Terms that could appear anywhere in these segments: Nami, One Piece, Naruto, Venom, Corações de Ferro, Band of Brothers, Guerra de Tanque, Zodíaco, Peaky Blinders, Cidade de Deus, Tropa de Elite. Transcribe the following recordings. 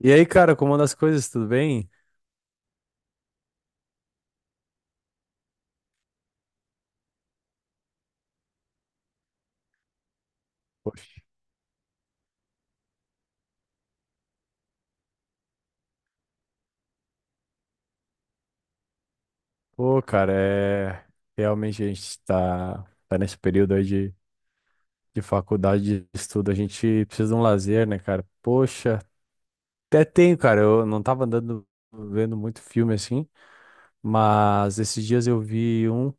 E aí, cara, como anda as coisas? Tudo bem? Poxa. Pô, cara, realmente a gente tá nesse período aí de faculdade, de estudo, a gente precisa de um lazer, né, cara? Poxa, até tenho, cara, eu não tava andando, vendo muito filme assim, mas esses dias eu vi um,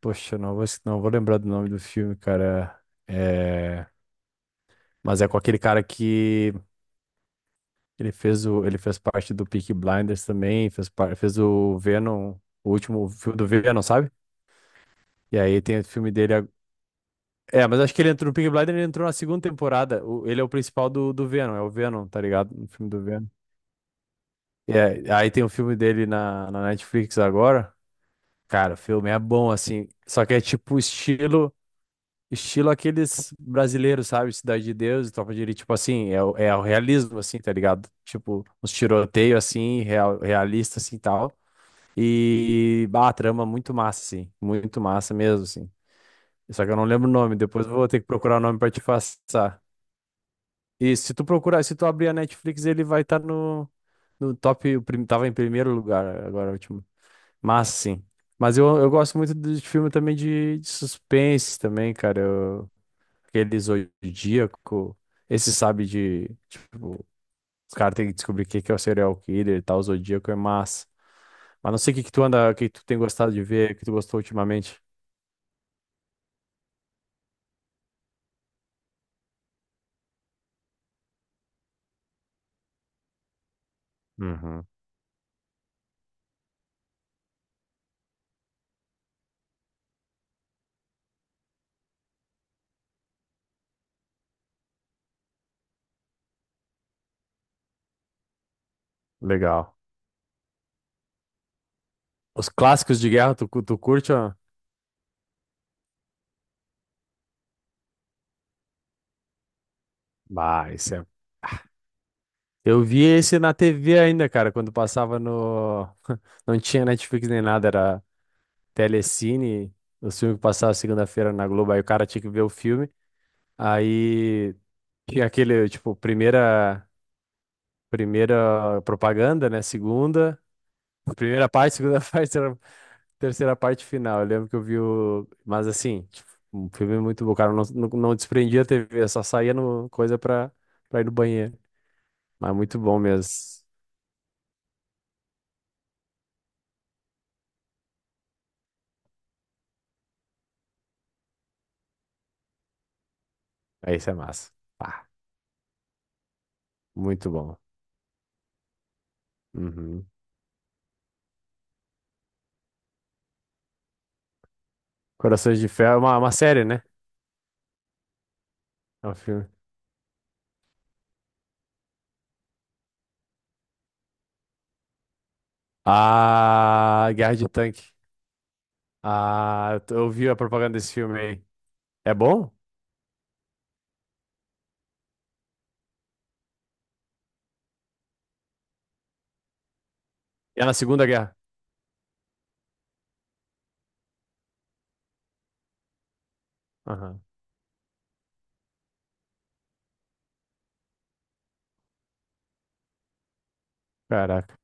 poxa, não vou lembrar do nome do filme, cara, é... mas é com aquele cara que ele fez parte do Peaky Blinders também, fez o Venom, o último filme do Venom, sabe? E aí tem o filme dele. É, mas acho que ele entrou no Peaky Blinders, ele entrou na segunda temporada. Ele é o principal do Venom, é o Venom, tá ligado? No filme do Venom. Aí tem o filme dele na Netflix agora. Cara, o filme é bom, assim. Só que é tipo estilo aqueles brasileiros, sabe? Cidade de Deus e Tropa de Elite. Tipo assim, é, é o realismo, assim, tá ligado? Tipo, uns tiroteios, assim, realista, assim, e tal. E, bah, a trama é muito massa, assim. Muito massa mesmo, assim. Só que eu não lembro o nome. Depois eu vou ter que procurar o nome pra te passar. E se tu procurar, se tu abrir a Netflix, ele vai estar no top. Tava em primeiro lugar agora, o último. Mas sim. Mas eu gosto muito de filme também de suspense também, cara. Eu, aquele Zodíaco. Esse sabe de. Tipo, os caras têm que descobrir o que que é o serial killer e tal. O Zodíaco é massa. Mas não sei o que que tu anda, o que que tu tem gostado de ver, o que tu gostou ultimamente. Uhum. Legal. Os clássicos de guerra, tu, tu curte, ó? Bah, esse é... Eu vi esse na TV ainda, cara, quando passava no. Não tinha Netflix nem nada, era Telecine, o filme que passava segunda-feira na Globo, aí o cara tinha que ver o filme. Aí tinha aquele, tipo, primeira, primeira propaganda, né? Segunda, primeira parte, segunda parte, terceira parte final. Eu lembro que eu vi o. Mas assim, tipo, um filme muito bom, cara. Não desprendia a TV, só saía no... coisa pra, pra ir no banheiro. Mas muito bom mesmo. Aí isso é massa. Pá, muito bom. Uhum. Corações de Ferro é uma série, né? É um filme. Ah, Guerra de Tanque. Eu vi a propaganda desse filme aí. É bom? É na Segunda Guerra. Aham. Caraca.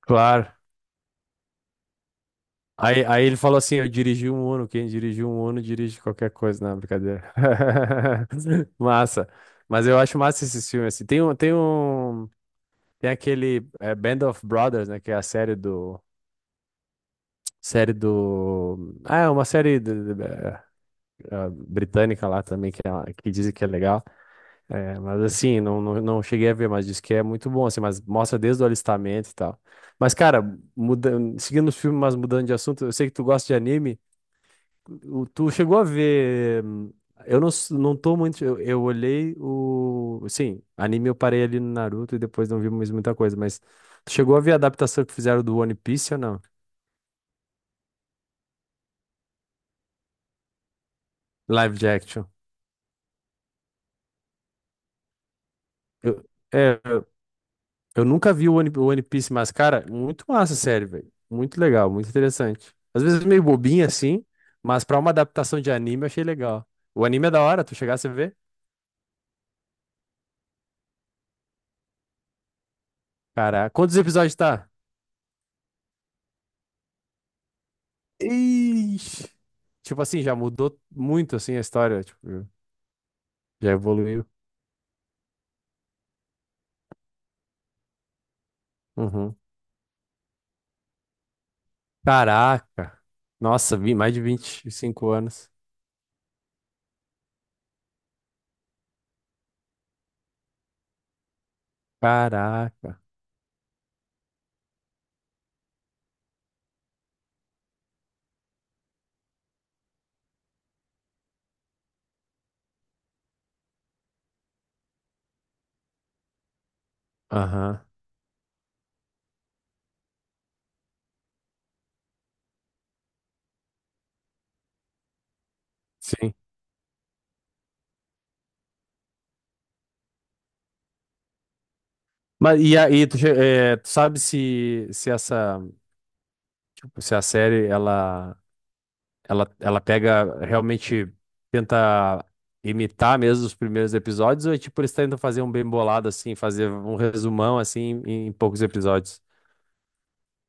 Claro. Aí, aí ele falou assim: eu dirigi um Uno. Quem dirigiu um Uno dirige qualquer coisa. Não, brincadeira. Massa. Mas eu acho massa esse filme, assim. Tem um, tem aquele é, Band of Brothers, né? Que é a série do, Série do. Ah, é uma série britânica lá também, que, que dizem que é legal. É, mas assim, não cheguei a ver, mas diz que é muito bom, assim, mas mostra desde o alistamento e tal. Mas, cara, muda... seguindo os filmes, mas mudando de assunto, eu sei que tu gosta de anime. Tu chegou a ver. Eu não, não tô muito. Eu olhei o. Sim, anime eu parei ali no Naruto e depois não vi mais muita coisa, mas tu chegou a ver a adaptação que fizeram do One Piece ou não? Live de action. Eu- é, Eu nunca vi o One Piece, mas, cara, muito massa a série, velho. Muito legal, muito interessante. Às vezes meio bobinha, assim, mas pra uma adaptação de anime eu achei legal. O anime é da hora, tu chegasse a ver? Caraca, quantos episódios tá? Ixi. Tipo assim, já mudou muito, assim, a história, tipo, já evoluiu. Uhum. Caraca. Nossa, vi mais de 25 anos. Caraca. Aham. Sim. Mas e aí, tu, tu sabe se, se essa, tipo, se a série, ela pega, realmente tenta imitar mesmo os primeiros episódios, ou é tipo, eles tentam fazer um bem bolado, assim, fazer um resumão, assim, em poucos episódios?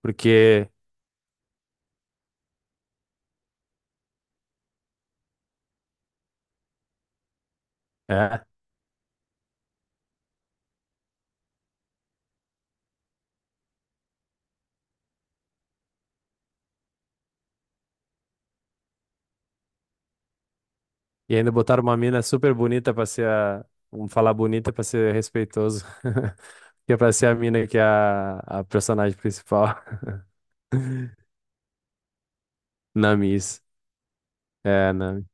Porque, é, e ainda botaram uma mina super bonita pra ser a, vamos falar bonita pra ser respeitoso, que é pra ser a mina que é a personagem principal, Namis. É, Nami.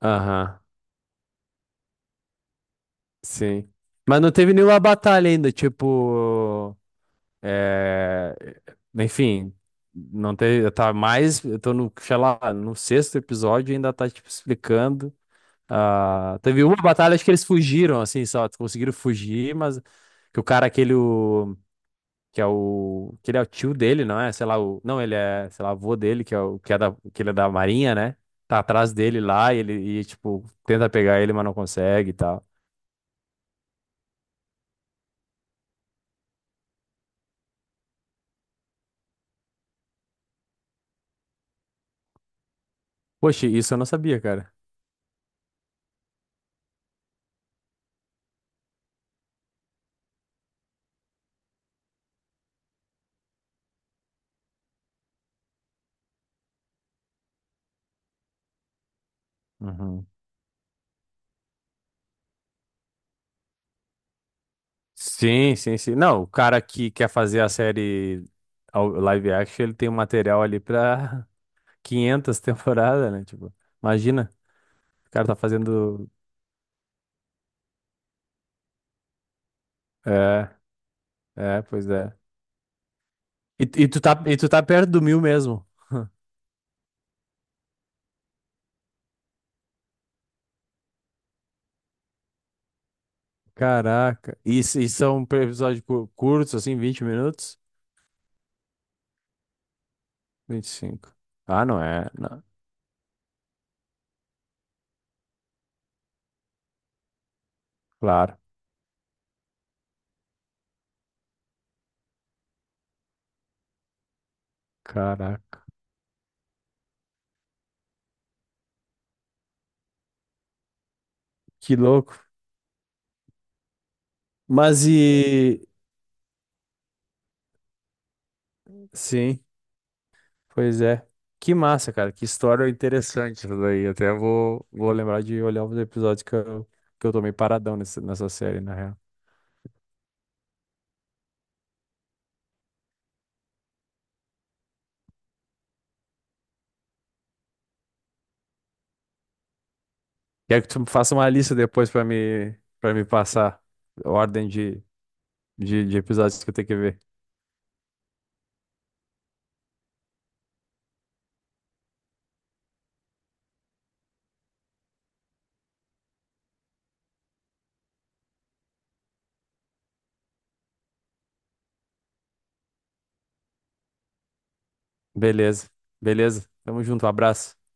Aham, sim. Mas não teve nenhuma batalha ainda, tipo. É, enfim, não teve, tá mais, eu tô no, sei lá, no sexto episódio e ainda tá, tipo, explicando. Ah, teve uma batalha, acho que eles fugiram, assim, só conseguiram fugir, mas que o cara, aquele, o, que é o, que ele é o tio dele, não é? Sei lá, o, não, ele é, sei lá, avô dele, que é o, que é da, que ele é da Marinha, né? Tá atrás dele lá e ele, e, tipo, tenta pegar ele, mas não consegue e tal. Poxa, isso eu não sabia, cara. Uhum. Sim, sim, sim. Não, o cara que quer fazer a série live action, ele tem um material ali pra 500 temporadas, né? Tipo, imagina, o cara tá fazendo. É, é, pois é. E tu e tu tá perto do mil mesmo. Caraca. E, e são episódios curtos, assim, 20 minutos? 25. Ah, não é? Não. Claro. Caraca. Que louco. Mas e. Sim. Pois é. Que massa, cara. Que história interessante isso daí. Até vou, vou lembrar de olhar os episódios que eu tô meio paradão nessa, nessa série, na real. Quer que tu faça uma lista depois pra me, para me passar ordem de episódios que eu tenho que ver. Beleza. Beleza. Tamo junto. Um abraço.